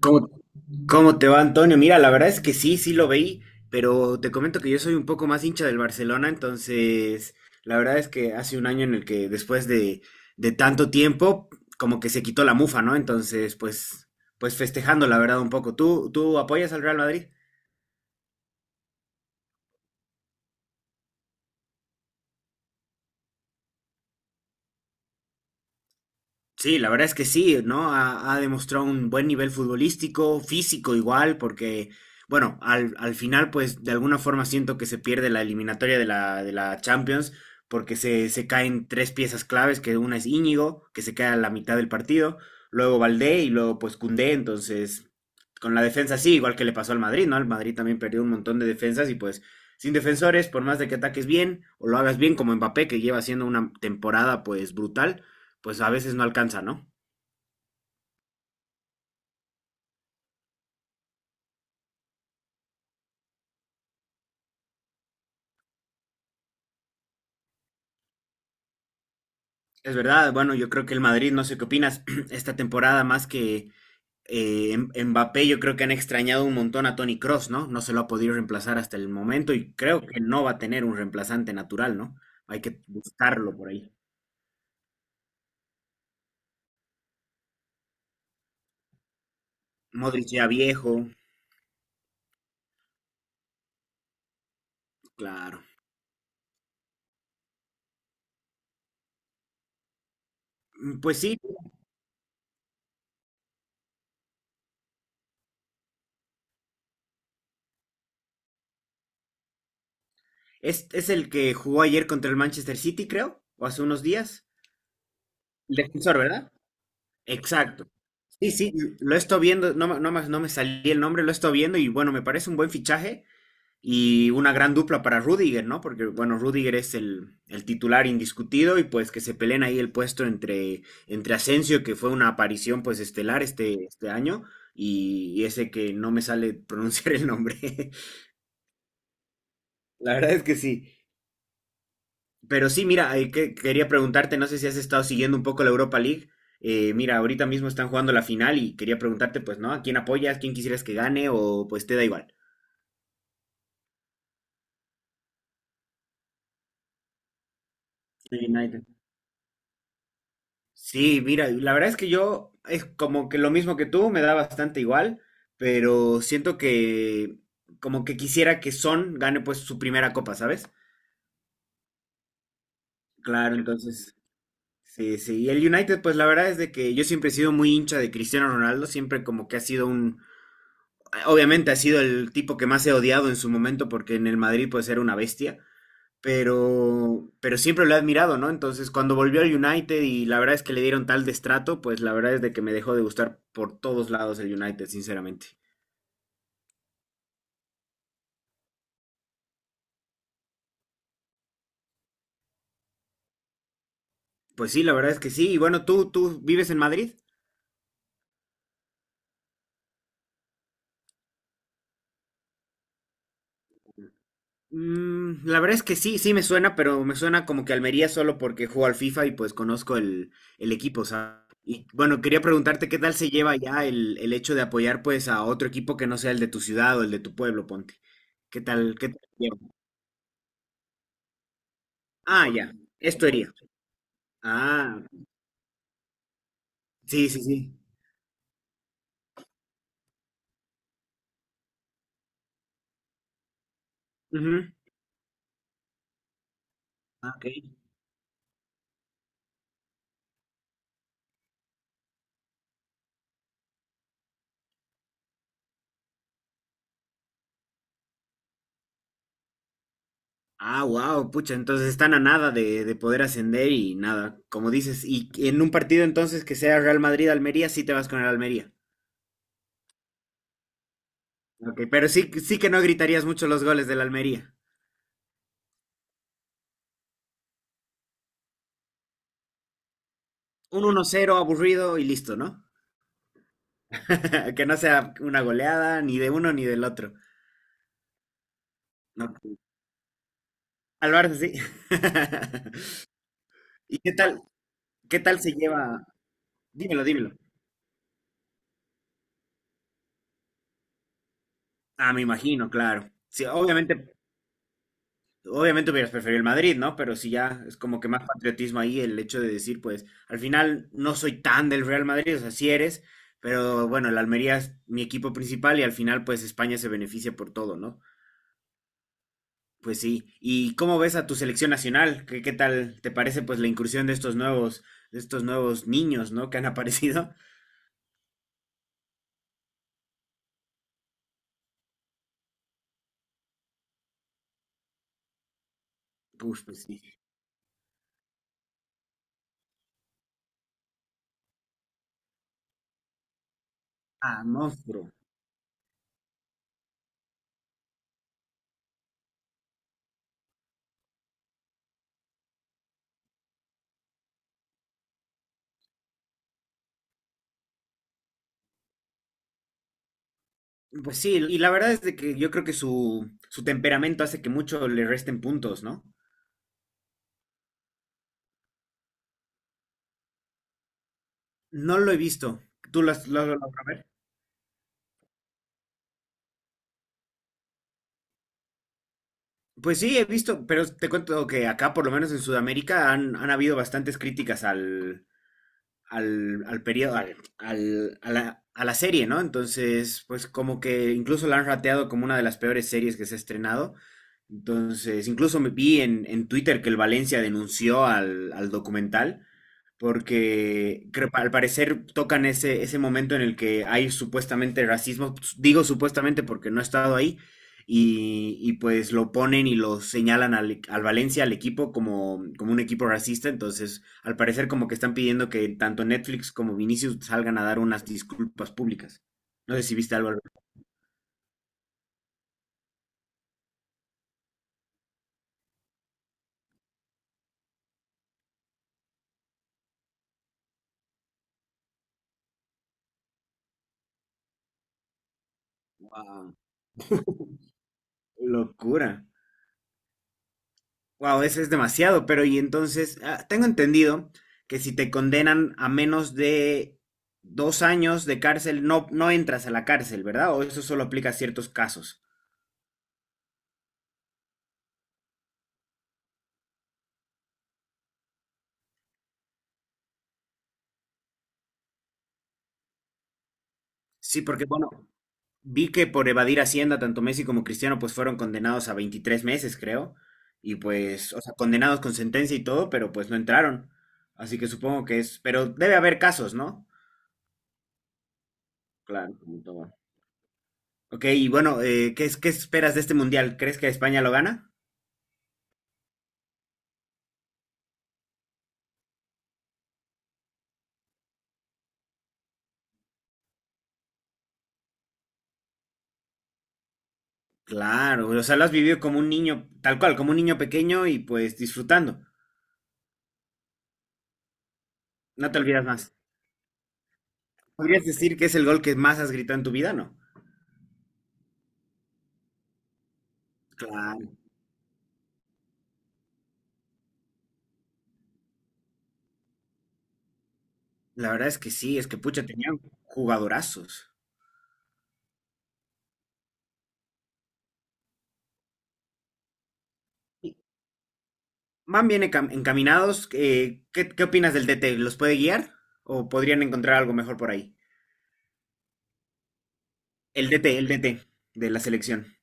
¿Cómo, cómo te va, Antonio? Mira, la verdad es que sí, sí lo veí, pero te comento que yo soy un poco más hincha del Barcelona, entonces la verdad es que hace un año en el que después de tanto tiempo, como que se quitó la mufa, ¿no? Entonces, pues festejando, la verdad, un poco. ¿Tú apoyas al Real Madrid? Sí, la verdad es que sí, ¿no? Ha demostrado un buen nivel futbolístico, físico igual, porque, bueno, al final, pues de alguna forma siento que se pierde la eliminatoria de la Champions, porque se caen tres piezas claves, que una es Íñigo, que se queda a la mitad del partido, luego Valdé y luego pues Koundé. Entonces con la defensa sí, igual que le pasó al Madrid, ¿no? Al Madrid también perdió un montón de defensas y pues sin defensores, por más de que ataques bien o lo hagas bien como Mbappé, que lleva haciendo una temporada pues brutal, pues a veces no alcanza, ¿no? Es verdad. Bueno, yo creo que el Madrid, no sé qué opinas, esta temporada más que Mbappé, yo creo que han extrañado un montón a Toni Kroos, ¿no? No se lo ha podido reemplazar hasta el momento y creo que no va a tener un reemplazante natural, ¿no? Hay que buscarlo por ahí. Modric ya viejo, claro. Pues sí, es el que jugó ayer contra el Manchester City, creo, o hace unos días. El defensor, ¿verdad? Exacto. Sí, sí, lo estoy viendo, no me salí el nombre, lo estoy viendo y bueno, me parece un buen fichaje. Y una gran dupla para Rudiger, ¿no? Porque, bueno, Rudiger es el titular indiscutido y pues que se peleen ahí el puesto entre Asensio, que fue una aparición pues estelar este año, y ese que no me sale pronunciar el nombre. La verdad es que sí. Pero sí, mira, quería preguntarte, no sé si has estado siguiendo un poco la Europa League. Mira, ahorita mismo están jugando la final y quería preguntarte, pues, ¿no? ¿A quién apoyas? ¿Quién quisieras que gane? O pues te da igual. Sí, United. Sí, mira, la verdad es que yo es como que lo mismo que tú, me da bastante igual, pero siento que como que quisiera que Son gane pues su primera copa, ¿sabes? Claro, entonces, sí, sí. Y el United, pues la verdad es de que yo siempre he sido muy hincha de Cristiano Ronaldo, siempre como que ha sido un, obviamente ha sido el tipo que más he odiado en su momento porque en el Madrid pues era una bestia, pero siempre lo he admirado, ¿no? Entonces, cuando volvió al United y la verdad es que le dieron tal destrato, pues la verdad es de que me dejó de gustar por todos lados el United, sinceramente. Pues sí, la verdad es que sí. Y bueno, ¿tú vives en Madrid? La verdad es que sí, sí me suena, pero me suena como que Almería solo porque juego al FIFA y pues conozco el equipo, ¿sabes? Y bueno, quería preguntarte qué tal se lleva ya el hecho de apoyar pues a otro equipo que no sea el de tu ciudad o el de tu pueblo, ponte. ¿Qué tal se lleva? Ah, ya. Esto iría. Ah, sí, sí, sí. Ujú. Ah, ok. Ah, wow, pucha, entonces están a nada de poder ascender y nada, como dices, y en un partido entonces que sea Real Madrid-Almería, sí te vas con el Almería. Ok, pero sí, sí que no gritarías mucho los goles del Almería. Un 1-0 aburrido y listo, ¿no? Que no sea una goleada ni de uno ni del otro. No. Al Barça sí. ¿Y qué tal se lleva? Dímelo, dímelo. Ah, me imagino, claro. Sí, obviamente hubieras preferido el Madrid, ¿no? Pero si ya es como que más patriotismo ahí el hecho de decir, pues, al final no soy tan del Real Madrid, o sea, sí eres, pero bueno, el Almería es mi equipo principal y al final, pues, España se beneficia por todo, ¿no? Pues sí. ¿Y cómo ves a tu selección nacional? ¿Qué tal te parece, pues, la incursión de estos nuevos, niños, ¿no? Que han aparecido. Pues sí. Ah, monstruo. Pues sí, y la verdad es de que yo creo que su temperamento hace que mucho le resten puntos, ¿no? No lo he visto. ¿Tú las lo has logrado ver? Pues sí, he visto, pero te cuento que acá, por lo menos en Sudamérica, han habido bastantes críticas al periodo, a la serie, ¿no? Entonces, pues como que incluso la han rateado como una de las peores series que se ha estrenado. Entonces, incluso me vi en Twitter que el Valencia denunció al documental, porque al parecer tocan ese momento en el que hay supuestamente racismo, pues, digo supuestamente porque no he estado ahí, y pues lo ponen y lo señalan al Valencia, al equipo, como un equipo racista, entonces al parecer como que están pidiendo que tanto Netflix como Vinicius salgan a dar unas disculpas públicas. No sé si viste algo al respecto. Guau, locura. Wow, eso es demasiado, pero y entonces, ah, tengo entendido que si te condenan a menos de 2 años de cárcel, no, no entras a la cárcel, ¿verdad? O eso solo aplica a ciertos casos. Sí, porque bueno, vi que por evadir Hacienda, tanto Messi como Cristiano, pues fueron condenados a 23 meses, creo, y pues, o sea, condenados con sentencia y todo, pero pues no entraron. Así que supongo que es, pero debe haber casos, ¿no? Claro, como todo. Ok, y bueno, ¿qué esperas de este mundial? ¿Crees que España lo gana? Claro, o sea, lo has vivido como un niño, tal cual, como un niño pequeño y pues disfrutando. No te olvidas más. Podrías decir que es el gol que más has gritado en tu vida, ¿no? Claro, la verdad es que sí, es que pucha, tenían jugadorazos. Y van bien encaminados. ¿Qué opinas del DT? ¿Los puede guiar? ¿O podrían encontrar algo mejor por ahí? El DT, el DT de la selección.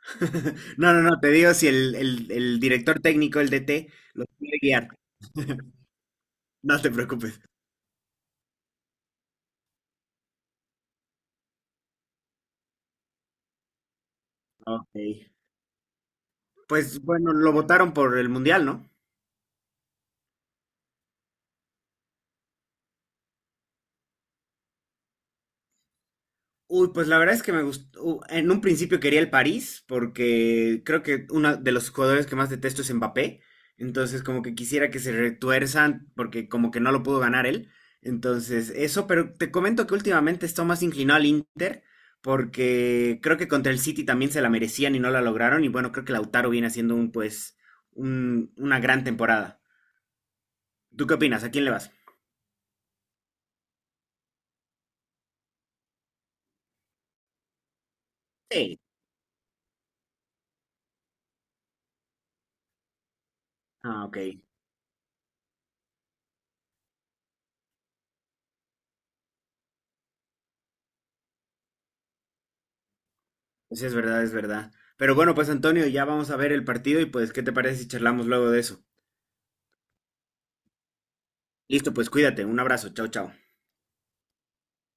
No, no, no, te digo si el director técnico, el DT, los puede guiar. No te preocupes. Ok. Pues bueno, lo votaron por el Mundial, ¿no? Uy, pues la verdad es que me gustó. En un principio quería el París, porque creo que uno de los jugadores que más detesto es Mbappé. Entonces, como que quisiera que se retuerzan, porque como que no lo pudo ganar él. Entonces, eso, pero te comento que últimamente estoy más inclinado al Inter, porque creo que contra el City también se la merecían y no la lograron. Y bueno, creo que Lautaro viene haciendo un, pues, una gran temporada. ¿Tú qué opinas? ¿A quién le vas? Sí. Ah, ok. Sí, es verdad, es verdad. Pero bueno, pues Antonio, ya vamos a ver el partido y pues, ¿qué te parece si charlamos luego de eso? Listo, pues cuídate, un abrazo, chao, chao.